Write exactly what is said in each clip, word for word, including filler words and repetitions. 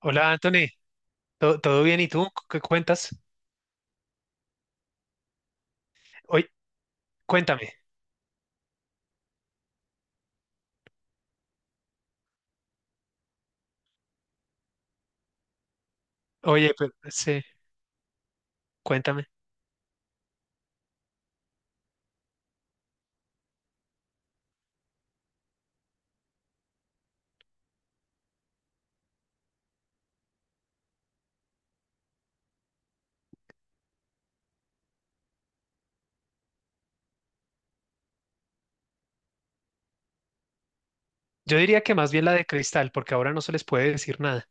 Hola, Anthony. ¿Todo, todo bien? ¿Y tú? ¿Qué cuentas? Oye, cuéntame. Oye, pero, sí, cuéntame. Yo diría que más bien la de Cristal, porque ahora no se les puede decir nada.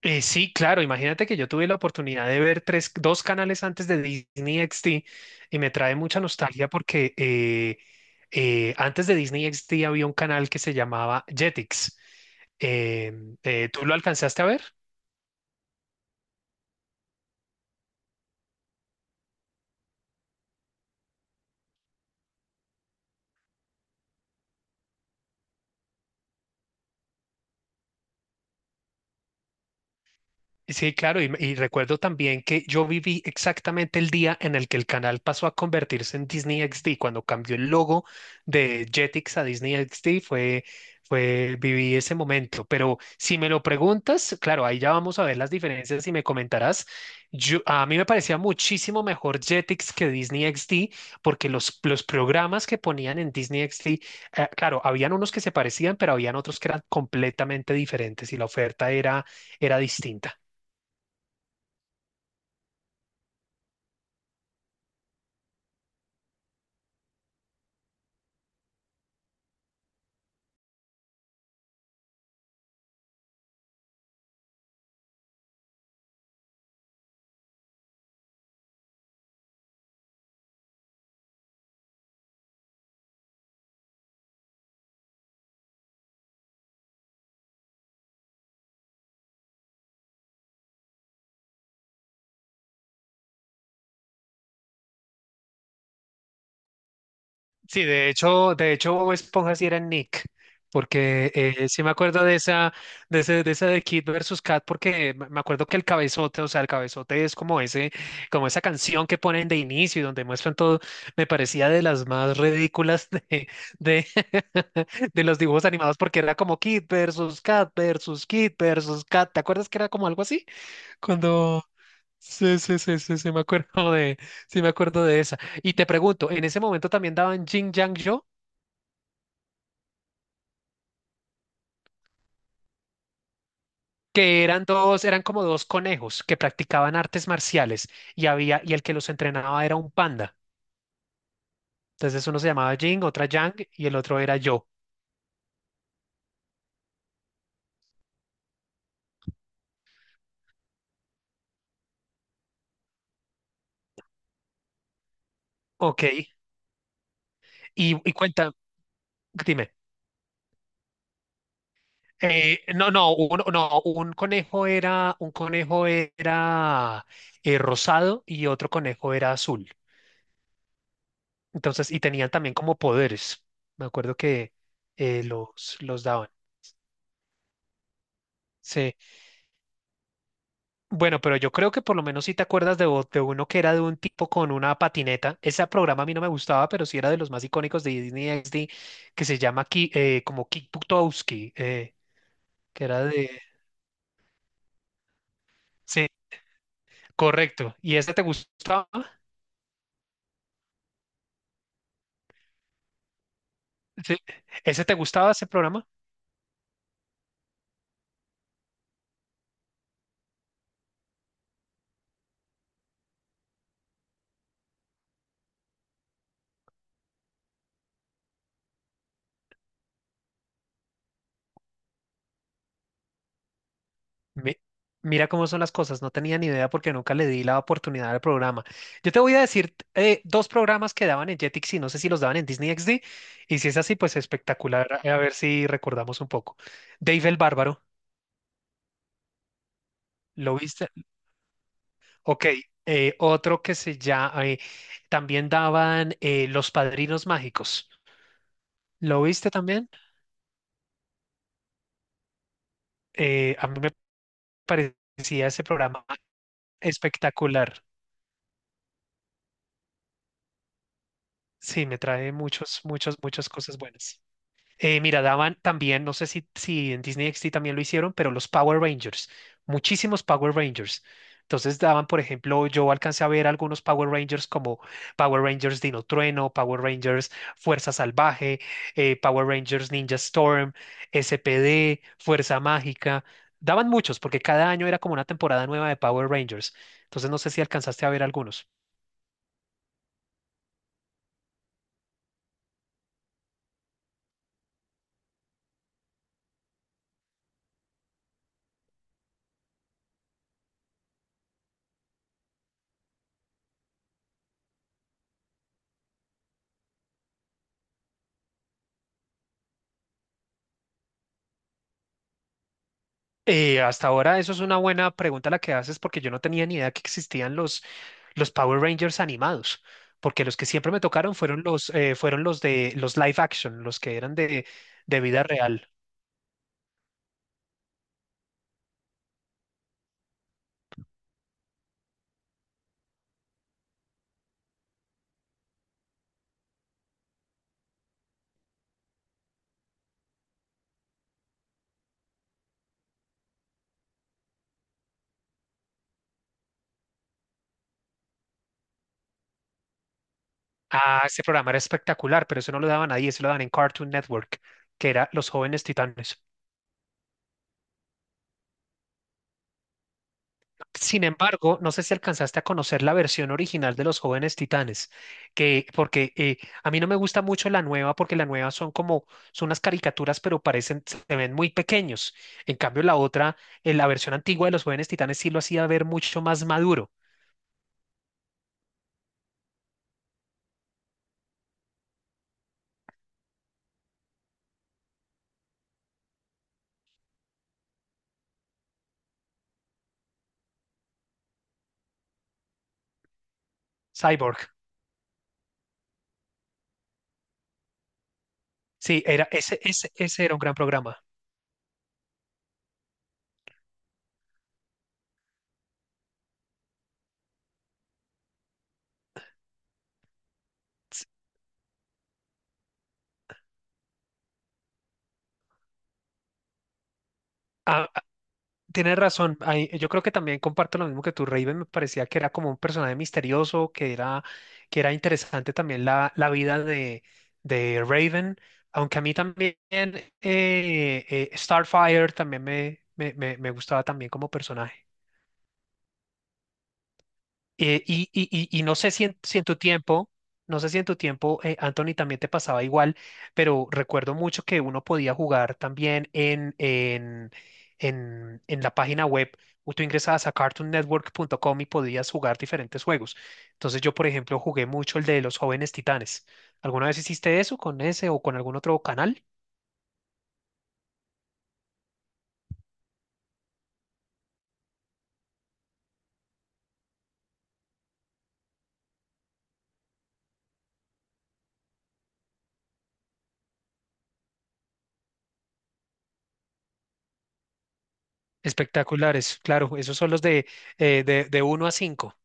Eh, sí, claro, imagínate que yo tuve la oportunidad de ver tres, dos canales antes de Disney X D y me trae mucha nostalgia porque eh, eh, antes de Disney X D había un canal que se llamaba Jetix. Eh, eh, ¿Tú lo alcanzaste a ver? Sí, claro, y, y recuerdo también que yo viví exactamente el día en el que el canal pasó a convertirse en Disney X D, cuando cambió el logo de Jetix a Disney X D, fue, fue, viví ese momento. Pero si me lo preguntas, claro, ahí ya vamos a ver las diferencias y me comentarás. Yo, a mí me parecía muchísimo mejor Jetix que Disney X D, porque los, los programas que ponían en Disney X D, eh, claro, habían unos que se parecían, pero habían otros que eran completamente diferentes y la oferta era, era distinta. Sí, de hecho, de hecho Bob Esponja sí era Nick, porque eh, sí me acuerdo de esa, de ese- de esa de Kid versus Kat, porque me me acuerdo que el cabezote, o sea, el cabezote es como ese, como esa canción que ponen de inicio y donde muestran todo, me parecía de las más ridículas de, de, de los dibujos animados, porque era como Kid versus Kat versus Kid versus Kat, ¿te acuerdas que era como algo así? Cuando Sí, sí, sí, sí, sí, me acuerdo de, sí, me acuerdo de esa. Y te pregunto, en ese momento también daban Jin Yang Yo, que eran dos, eran como dos conejos que practicaban artes marciales y había, y el que los entrenaba era un panda. Entonces uno se llamaba Jin, otra Yang y el otro era yo. Ok. Y, y cuenta, dime. Eh, no, no, uno- no, un conejo era, un conejo era eh, rosado y otro conejo era azul. Entonces, y tenían también como poderes. Me acuerdo que eh, los, los daban. Sí. Bueno, pero yo creo que por lo menos si te acuerdas de, o- de uno que era de un tipo con una patineta. Ese programa a mí no me gustaba, pero sí era de los más icónicos de Disney X D, que se llama Ki- eh, como Kick Butowski, eh, que era de... Sí, correcto. ¿Y ese te gustaba? Sí. ¿Ese te gustaba, ese programa? Mi- Mira cómo son las cosas, no tenía ni idea porque nunca le di la oportunidad al programa. Yo te voy a decir eh, dos programas que daban en Jetix y no sé si los daban en Disney X D. Y si es así, pues espectacular. A a ver si recordamos un poco. Dave el Bárbaro, ¿lo viste? Ok, eh, otro que se llama, eh, también daban eh, Los Padrinos Mágicos. ¿Lo viste también? Eh, a mí me parecía ese programa espectacular. Sí, me trae muchos, muchas, muchas cosas buenas. Eh, mira, daban también, no sé si, si en Disney X D también lo hicieron, pero los Power Rangers, muchísimos Power Rangers. Entonces daban, por ejemplo, yo alcancé a ver algunos Power Rangers como Power Rangers Dino Trueno, Power Rangers Fuerza Salvaje, eh, Power Rangers Ninja Storm, S P D, Fuerza Mágica. Daban muchos porque cada año era como una temporada nueva de Power Rangers. Entonces no sé si alcanzaste a ver algunos. Eh, hasta ahora, eso es una buena pregunta la que haces porque yo no tenía ni idea que existían los, los Power Rangers animados, porque los que siempre me tocaron fueron los, eh, fueron los de los live action, los que eran de, de vida real. Ah, ese programa era espectacular, pero eso no lo daban ahí, eso lo daban en Cartoon Network, que era Los Jóvenes Titanes. Sin embargo, no sé si alcanzaste a conocer la versión original de Los Jóvenes Titanes, que porque eh, a mí no me gusta mucho la nueva, porque la nueva son como son unas caricaturas, pero parecen se ven muy pequeños. En cambio, la otra, eh, la versión antigua de Los Jóvenes Titanes sí lo hacía ver mucho más maduro. Cyborg. Sí, era ese ese ese era un gran programa. Tienes razón, ahí- yo creo que también comparto lo mismo que tú. Raven, me parecía que era como un personaje misterioso, que era, que era interesante también la, la vida de, de Raven, aunque a mí también eh, eh, Starfire también me, me, me, me gustaba también como personaje. Eh, y, y- y- y no sé si en, si en tu tiempo, no sé si en tu tiempo, eh, Anthony, también te pasaba igual, pero recuerdo mucho que uno podía jugar también en, en, en, en la página web. O Tú ingresabas a cartoon network punto com y podías jugar diferentes juegos. Entonces yo, por ejemplo, jugué mucho el de los jóvenes titanes. ¿Alguna vez hiciste eso con ese o con algún otro canal? Espectaculares, claro, esos son los de, eh, de, de uno a cinco.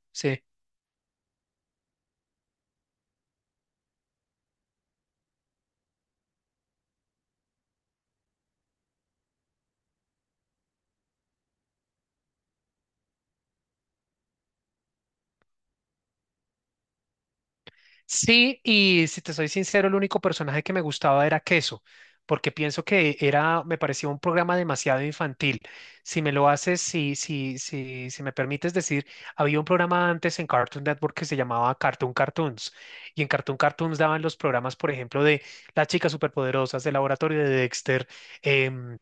Sí, y si te soy sincero, el único personaje que me gustaba era Queso, porque pienso que era, me parecía un programa demasiado infantil. Si me lo haces, si, si, si, si me permites decir, había un programa antes en Cartoon Network que se llamaba Cartoon Cartoons, y en Cartoon Cartoons daban los programas, por ejemplo, de Las Chicas Superpoderosas, del Laboratorio de Dexter, em,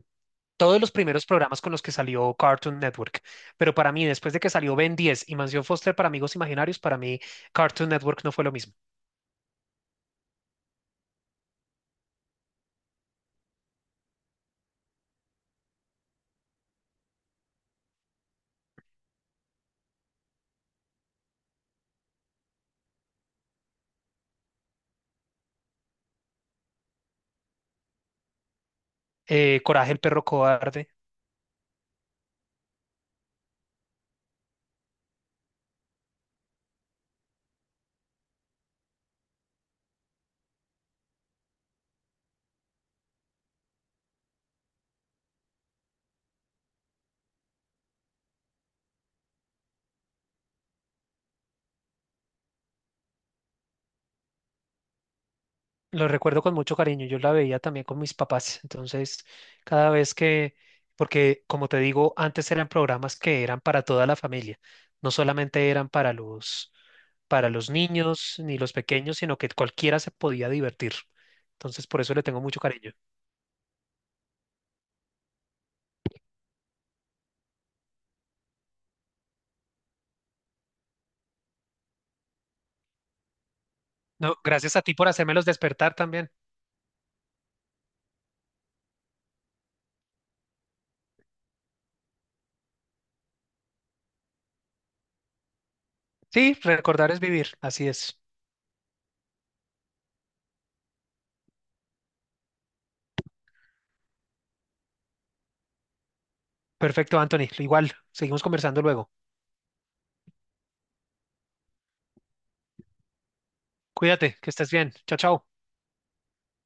todos los primeros programas con los que salió Cartoon Network. Pero para mí, después de que salió Ben diez y Mansión Foster para Amigos Imaginarios, para mí Cartoon Network no fue lo mismo. eh, Coraje el perro cobarde. Lo recuerdo con mucho cariño. Yo la veía también con mis papás. Entonces, cada vez que, porque como te digo, antes eran programas que eran para toda la familia. No solamente eran para los, para los niños ni los pequeños, sino que cualquiera se podía divertir. Entonces, por eso le tengo mucho cariño. No, gracias a ti por hacérmelos despertar también. Sí, recordar es vivir. Así es. Perfecto, Anthony. Igual, seguimos conversando luego. Cuídate, que estés bien. Chao, chao.